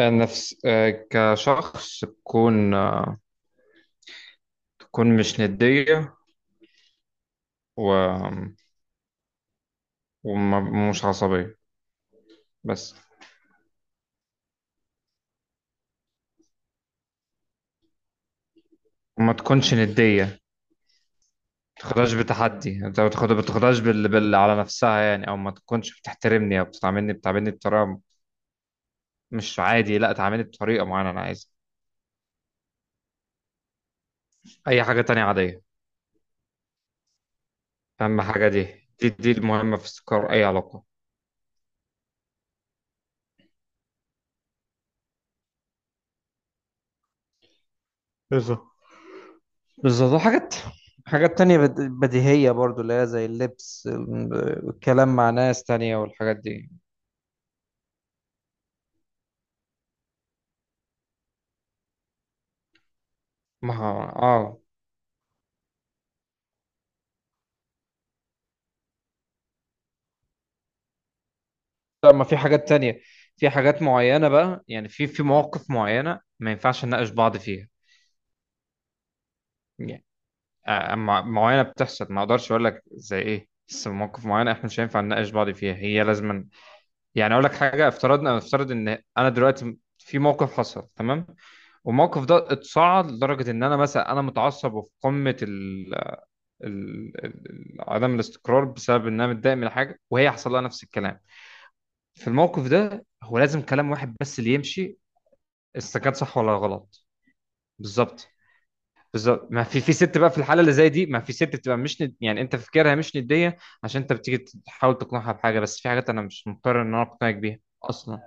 نفس كشخص تكون تكون مش ندية و... ومش عصبية بس. وما تكونش ندية، ما تاخدهاش بتحدي، انت ما تاخدهاش على نفسها يعني، او ما تكونش بتحترمني او بتعاملني بطريقة مش عادي. لا تعاملني بطريقة معينة انا عايزها. اي حاجة تانية عادية. اهم حاجة دي. دي المهمة في استقرار اي علاقة. بالظبط. بالظبط وحاجات. حاجات تانية بديهية برضو، اللي هي زي اللبس والكلام مع ناس تانية والحاجات دي. ما اه، لا ما في حاجات تانية. في حاجات معينة بقى يعني، في مواقف معينة ما ينفعش نناقش بعض فيها يعني. أما معينة بتحصل ما اقدرش اقول لك زي ايه، بس مواقف معينة احنا مش هينفع نناقش بعض فيها، هي لازما يعني. اقول لك حاجة، افترضنا، افترض ان انا دلوقتي في موقف حصل، تمام؟ والموقف ده اتصاعد لدرجة ان انا مثلا انا متعصب وفي قمة ال- ال- عدم الاستقرار، بسبب ان انا متضايق من حاجه وهي حصل لها نفس الكلام. في الموقف ده هو لازم كلام واحد بس اللي يمشي، استكان، صح ولا غلط؟ بالظبط. بالظبط. ما في ست بقى، في الحاله اللي زي دي ما في ست بتبقى مش ند... يعني انت فكرها مش نديه، عشان انت بتيجي تحاول تقنعها بحاجه، بس في حاجات انا مش مضطر ان انا اقنعك بيها اصلا.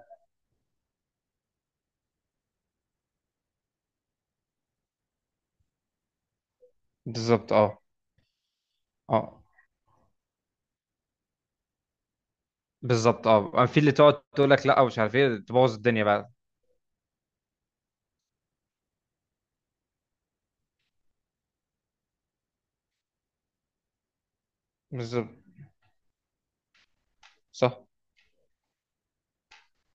بالظبط. اه. اه بالظبط. اه، في اللي تقعد تقول لك لا ومش عارف ايه، تبوظ الدنيا بقى. بالظبط. صح.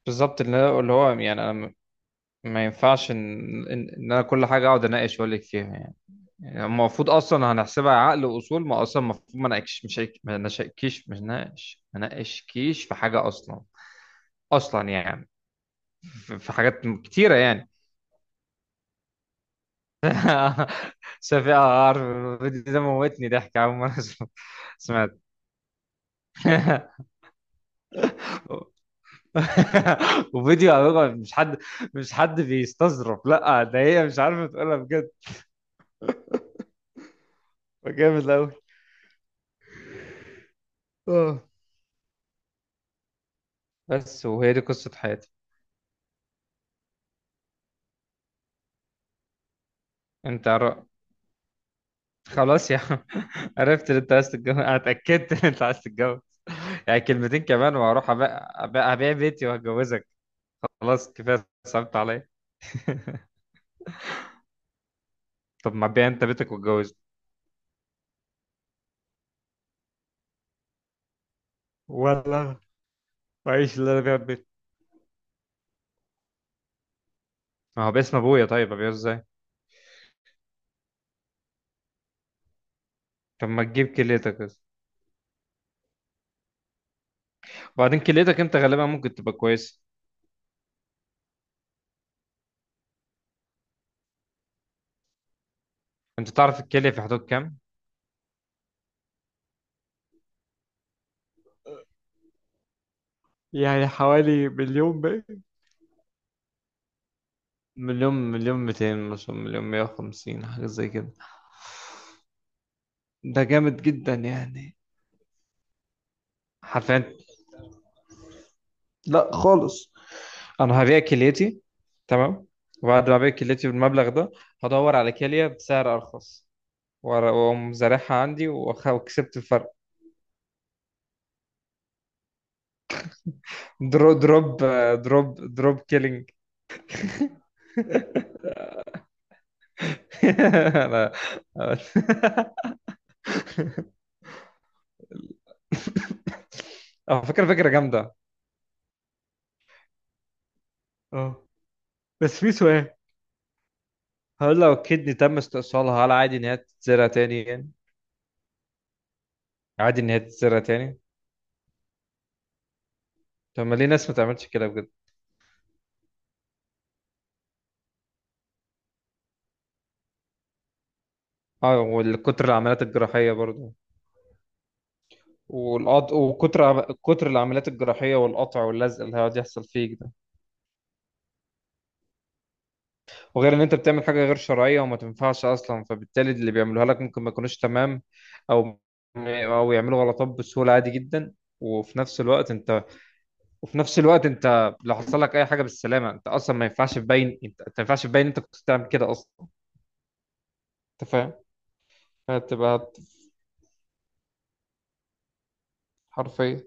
بالظبط. اللي هو يعني، انا ما ينفعش ان إن انا كل حاجه اقعد اناقش واقول لك فيها. يعني المفروض اصلا هنحسبها عقل واصول، ما اصلا المفروض ما ناقش، مش هيك- ما نشكيش، مش ناقش، ما ناقشكيش في حاجه اصلا. اصلا يعني، في حاجات كتيره يعني. شفيع، عارف الفيديو ده موتني ضحك، اول سمعت. وفيديو على فكرة، مش حد بيستظرف، لا ده هي مش عارفه تقولها بجد. جامد قوي. اه. بس وهي دي قصه حياتي. انت عر... خلاص يا عم. عرفت ان انت عايز تتجوز، انا اتاكدت ان انت عايز تتجوز. يعني كلمتين كمان وهروح ابيع. أبيع بيتي وهتجوزك. خلاص كفايه، صعبت عليا. طب ما بيع انت بيتك واتجوزني. ولا وعيش اللي انا بيع بيتي؟ ما هو باسم ابويا، طيب ابيعه ازاي؟ طب ما تجيب كليتك بس. وبعدين كليتك انت غالبا ممكن تبقى كويس. انت تعرف الكليه في حدود كام؟ يعني حوالي مليون بقى، مليون، مليون 200 مثلا، مليون 150، حاجه زي كده. ده جامد جدا يعني. حرفيا. لا خالص. انا هبيع كليتي، تمام. وبعد ما ابيع كليتي بالمبلغ ده، هدور على كليه بسعر ارخص واقوم زارعها عندي وكسبت الفرق. دروب دروب. دروب دروب كيلينج. انا على فكره، فكره جامده. اه. بس في سؤال، هل لو كدني تم استئصالها، هل عادي ان هي تتزرع تاني يعني؟ عادي ان هي تتزرع تاني؟ طب ما ليه ناس ما تعملش كده بجد؟ اه، والكتر العمليات الجراحيه برضه. وكتر العمليات الجراحية، والقطع واللزق اللي هيقعد يحصل فيك ده. وغير ان انت بتعمل حاجة غير شرعية وما تنفعش اصلا، فبالتالي اللي بيعملوها لك ممكن ما يكونوش تمام. او او يعملوا غلطات بسهولة، عادي جدا. وفي نفس الوقت انت. لو حصل لك اي حاجة بالسلامة انت اصلا ما ينفعش تبين انت، كنت بتعمل كده اصلا. انت فاهم. هتبقى حرفيا.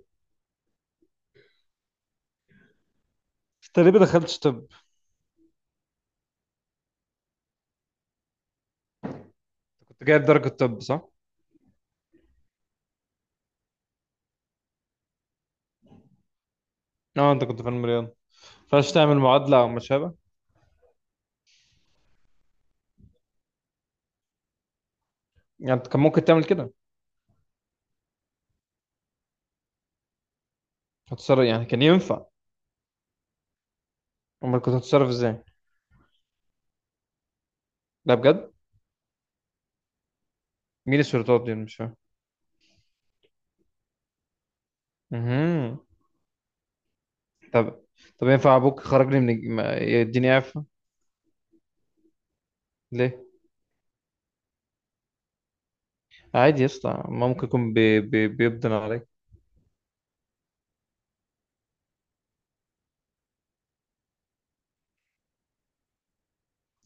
انت ليه ما دخلتش طب؟ كنت جايب درجة طب، صح؟ اه، انت كنت في المليون، ما ينفعش تعمل معادلة او ما شابه. يعني انت كان ممكن تعمل كده. هتتصرف يعني، كان ينفع. امال كنت هتتصرف ازاي؟ لا بجد، مين السلطات دي؟ أنا مش فاهم. مهم. طب. طب ينفع ابوك يخرجني من يديني اعفاء؟ ليه؟ عادي يا اسطى، ما ممكن يكون بيبدن عليك.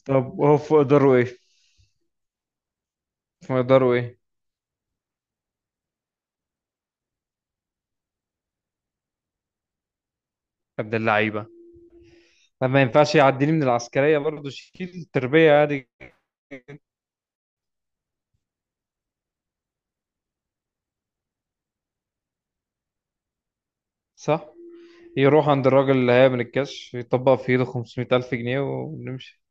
طب هو فوق اقداره ايه؟ فوق اقداره ايه يا ابن اللعيبه؟ طب ما ينفعش يعديني من العسكريه برضه، شيل تربيه عادي. صح. يروح عند الراجل اللي هيعمل الكاش، يطبق في ايده 500,000 جنيه ونمشي.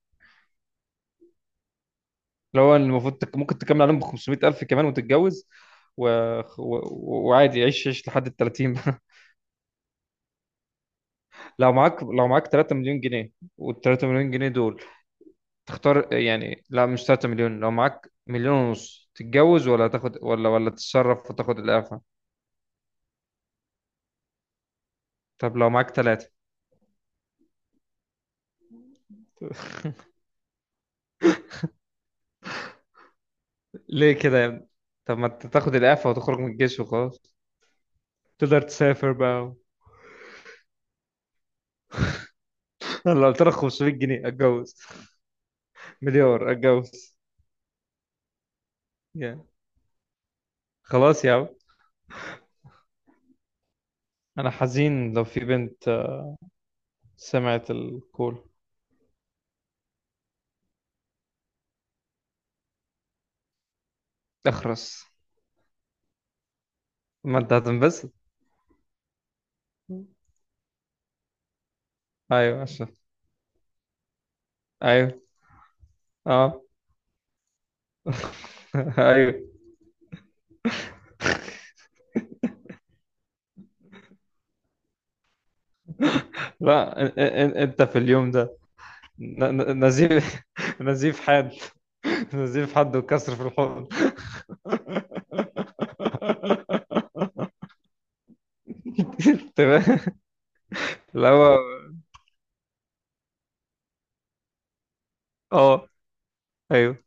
اللي هو المفروض ممكن تكمل عليهم ب 500,000 كمان وتتجوز. و... و... وعادي، عيش عيش لحد ال 30. لو معاك، 3 مليون جنيه، وال 3 مليون جنيه دول تختار يعني. لا مش 3 مليون، لو معاك مليون ونص، تتجوز ولا تاخد، ولا ولا تتصرف وتاخد الإعفاء؟ طب لو معاك 3؟ ليه كده يا ابني؟ طب ما انت تاخد الإعفاء وتخرج من الجيش وخلاص، تقدر تسافر بقى. لو قلت لك 500 جنيه، اتجوز. مليار، اتجوز. يعني خلاص يا عم، انا حزين لو في بنت سمعت الكول. اخرس، ما انت هتنبسط. ايوه عشان. ايوه. اه. ايوه. لا انت في اليوم ده نزيف. نزيف حاد. نزيف حد وكسر في الحوض. تمام. لا هو. اه. ايوه.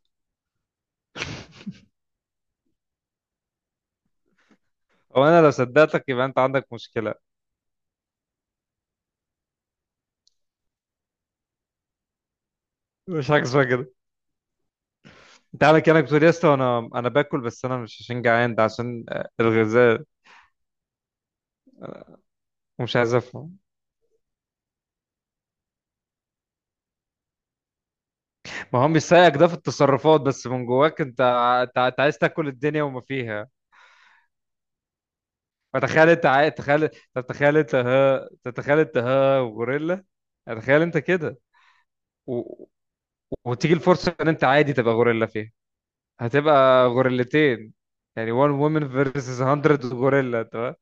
هو انا لو صدقتك يبقى انت عندك مشكله. مش حاجه اسمها كده. انت عامل كانك بتقول يا اسطى، انا باكل بس انا مش عشان جعان، ده عشان الغذاء. ومش عايز افهم. ما هو بيسايقك ده في التصرفات، بس من جواك انت، ع- انت ع- انت عايز تاكل الدنيا وما فيها. فتخيل انت، عايز تخيل، تتخيل انت ها. تتخيل انت ها وغوريلا. تخيل انت كده، و... وتيجي الفرصة ان انت عادي تبقى غوريلا فيها، هتبقى غوريلتين. يعني one woman versus 100 غوريلا، انت فاهم؟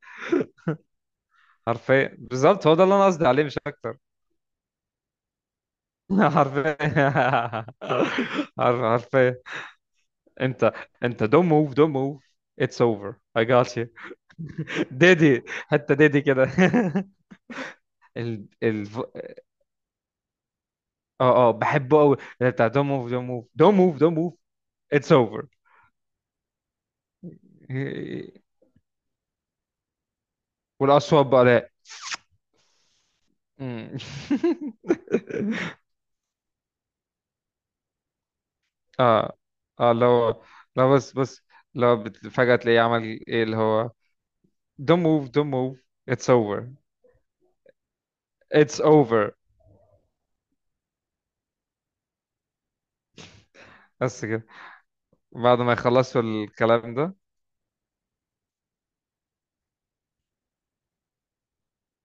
حرفيا بالظبط، هو ده اللي انا قصدي عليه مش اكتر. حرفيا. حرفيا. انت. انت don't move, don't move. It's over. I got you. ديدي. حتى ديدي كده. ال ال ف- اه. اه بحبه قوي اللي بتاع، دون موف دون موف دون موف دون موف. اتس اوفر. والاصوات بقى، لا. مم. اه. اه لو. لو بس. لو فجأة تلاقيه عمل ايه، اللي هو don't move, don't move. It's over. It's over. بس كده بعد ما يخلصوا الكلام ده.